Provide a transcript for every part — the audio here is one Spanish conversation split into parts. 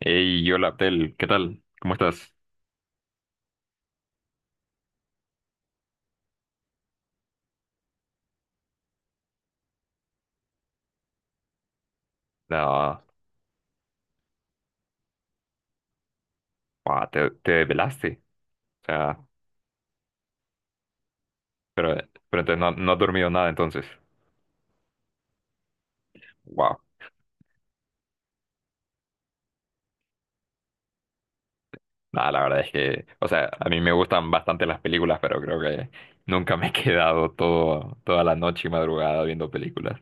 Hey, hola Abdel, ¿qué tal? ¿Cómo estás? Ah, guau, te velaste? O sea, pero, pero entonces no has dormido nada entonces. Wow. Nada, la verdad es que, o sea, a mí me gustan bastante las películas, pero creo que nunca me he quedado toda la noche y madrugada viendo películas.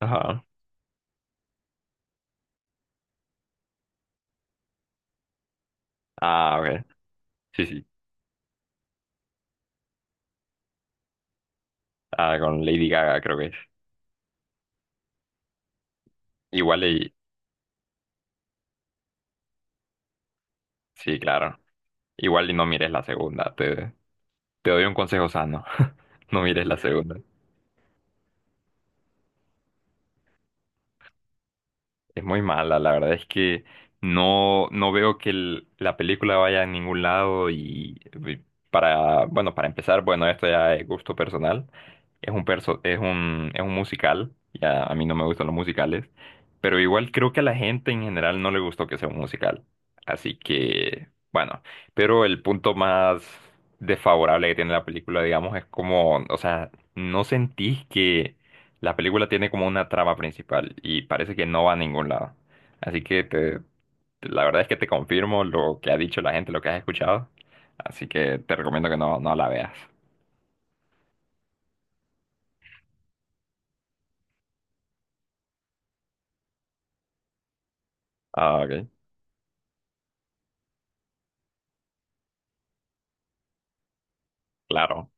Ajá. Ah, ok. Sí, sí. Ah, con Lady Gaga creo que es. Igual y, sí, claro. Igual y no mires la segunda. Te doy un consejo sano. No mires la segunda. Es muy mala, la verdad es que no veo que la película vaya a ningún lado y eh, para, bueno, para empezar, bueno, esto ya es gusto personal. Es es un musical, ya a mí no me gustan los musicales, pero igual creo que a la gente en general no le gustó que sea un musical. Así que, bueno, pero el punto más desfavorable que tiene la película, digamos, es como, o sea, no sentís que la película tiene como una trama principal y parece que no va a ningún lado. Así que la verdad es que te confirmo lo que ha dicho la gente, lo que has escuchado. Así que te recomiendo que no la veas. Ah, ok. Claro,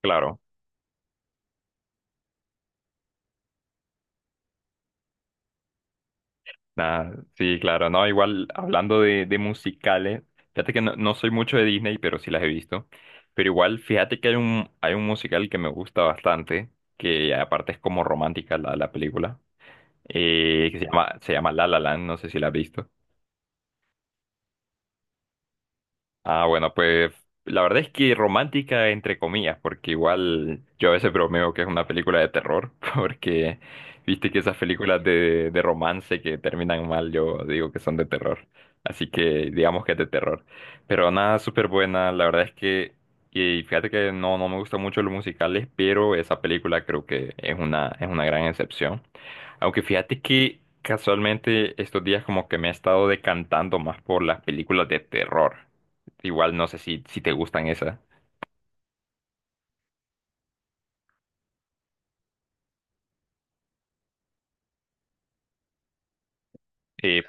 claro. Nada, sí, claro. No, igual hablando de musicales, fíjate que no soy mucho de Disney, pero sí las he visto. Pero igual, fíjate que hay un musical que me gusta bastante, que aparte es como romántica la película, que se llama La La Land, no sé si la has visto. Ah, bueno, pues la verdad es que romántica entre comillas, porque igual yo a veces bromeo que es una película de terror, porque viste que esas películas de romance que terminan mal, yo digo que son de terror. Así que digamos que es de terror. Pero nada, súper buena, la verdad es que, y fíjate que no me gustan mucho los musicales, pero esa película creo que es una gran excepción. Aunque fíjate que casualmente estos días como que me he estado decantando más por las películas de terror. Igual no sé si te gustan esas. Eh,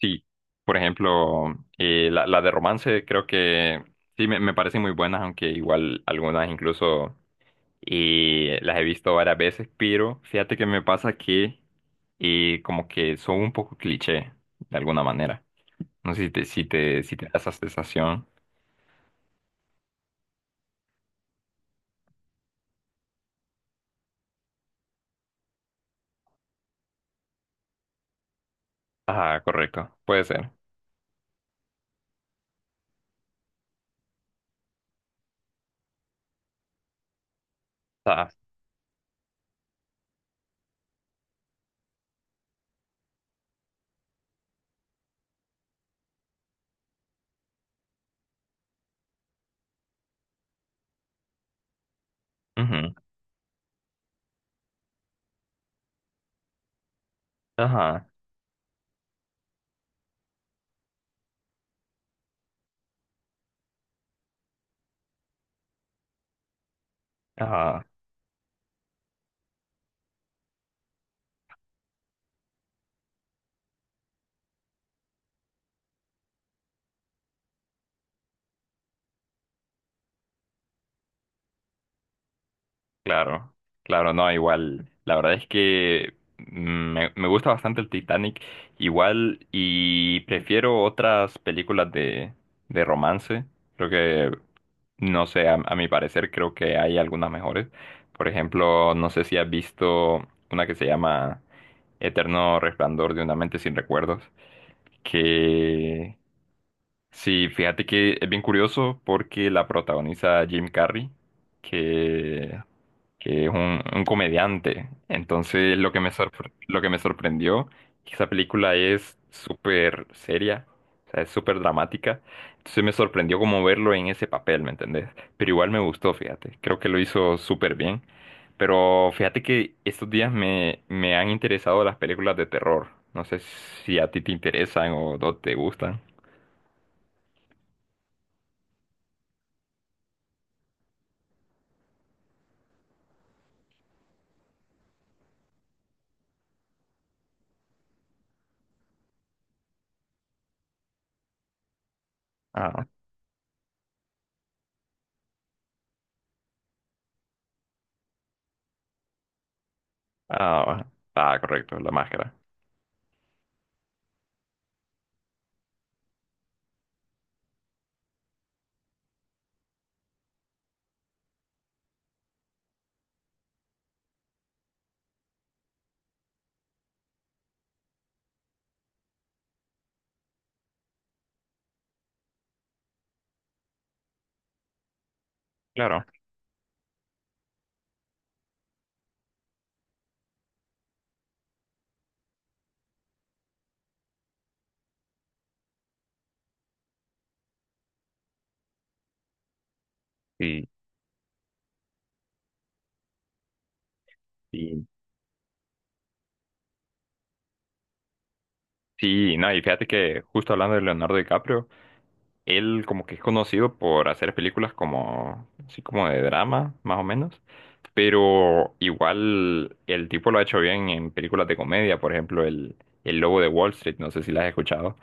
sí, por ejemplo, la de romance creo que sí me parecen muy buenas, aunque igual algunas incluso las he visto varias veces, pero fíjate que me pasa que como que son un poco cliché de alguna manera. No sé si te da esa sensación. Ajá, correcto, puede ser. Ajá, ujú, Ajá, ajá. Claro, claro, no, igual. La verdad es que me gusta bastante el Titanic, igual, y prefiero otras películas de romance. Creo que, no sé, a mi parecer creo que hay algunas mejores. Por ejemplo, no sé si has visto una que se llama Eterno Resplandor de una mente sin recuerdos, que sí, fíjate que es bien curioso porque la protagoniza Jim Carrey, que que es un comediante. Entonces, lo que me sorprendió que esa película es súper seria, o sea, es súper dramática. Entonces me sorprendió como verlo en ese papel, ¿me entendés? Pero igual me gustó, fíjate. Creo que lo hizo súper bien. Pero fíjate que estos días me han interesado las películas de terror. No sé si a ti te interesan o no te gustan. Ah, ah, ah, correcto, la máscara. Claro. Sí, sí, Sí, no, y fíjate que justo hablando de Leonardo DiCaprio, él como que es conocido por hacer películas como, así como de drama, más o menos, pero igual el tipo lo ha hecho bien en películas de comedia, por ejemplo, el Lobo de Wall Street, no sé si la has escuchado.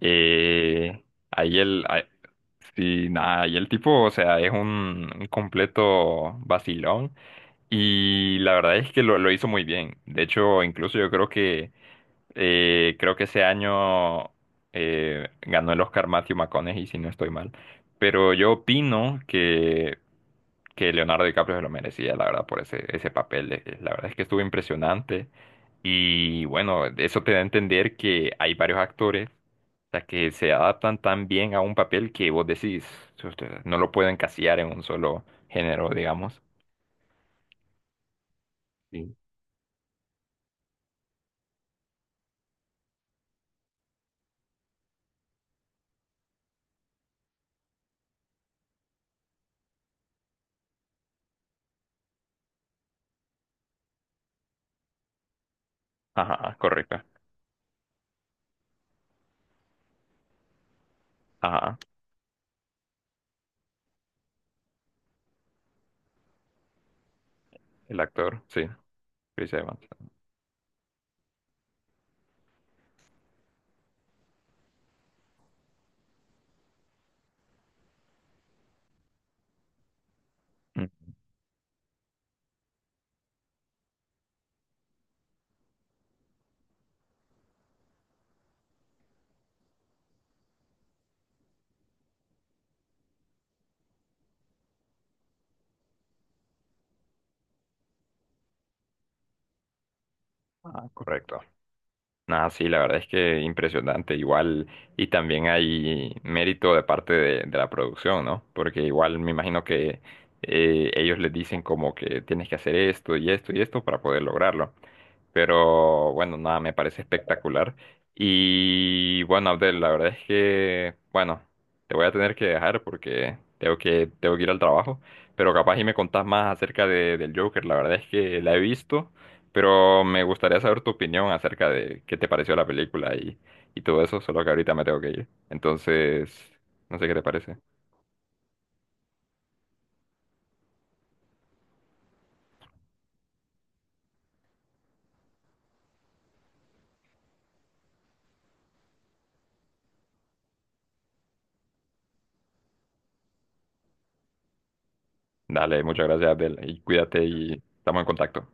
Eh, ahí el, ah, sí, nada, y el tipo, o sea, es un completo vacilón y la verdad es que lo hizo muy bien. De hecho, incluso yo creo que ese año ganó el Oscar Matthew McConaughey, si no estoy mal. Pero yo opino que Leonardo DiCaprio se lo merecía, la verdad, por ese papel. La verdad es que estuvo impresionante. Y bueno, eso te da a entender que hay varios actores, o sea, que se adaptan tan bien a un papel que vos decís, "Usted, no lo puedo encasillar en un solo género, digamos. Sí. Ajá, correcto. Ajá, el actor, sí, Chris Evans. Mm, ah, correcto. Nada, sí, la verdad es que impresionante, igual, y también hay mérito de parte de la producción, ¿no? Porque igual me imagino que ellos les dicen como que tienes que hacer esto y esto y esto para poder lograrlo. Pero bueno, nada, me parece espectacular. Y bueno, Abdel, la verdad es que, bueno, te voy a tener que dejar porque tengo que ir al trabajo. Pero capaz y me contás más del Joker. La verdad es que la he visto, pero me gustaría saber tu opinión acerca de qué te pareció la película y todo eso, solo que ahorita me tengo que ir. Entonces, no sé qué te parece. Dale, muchas gracias, Abdel, y cuídate y estamos en contacto.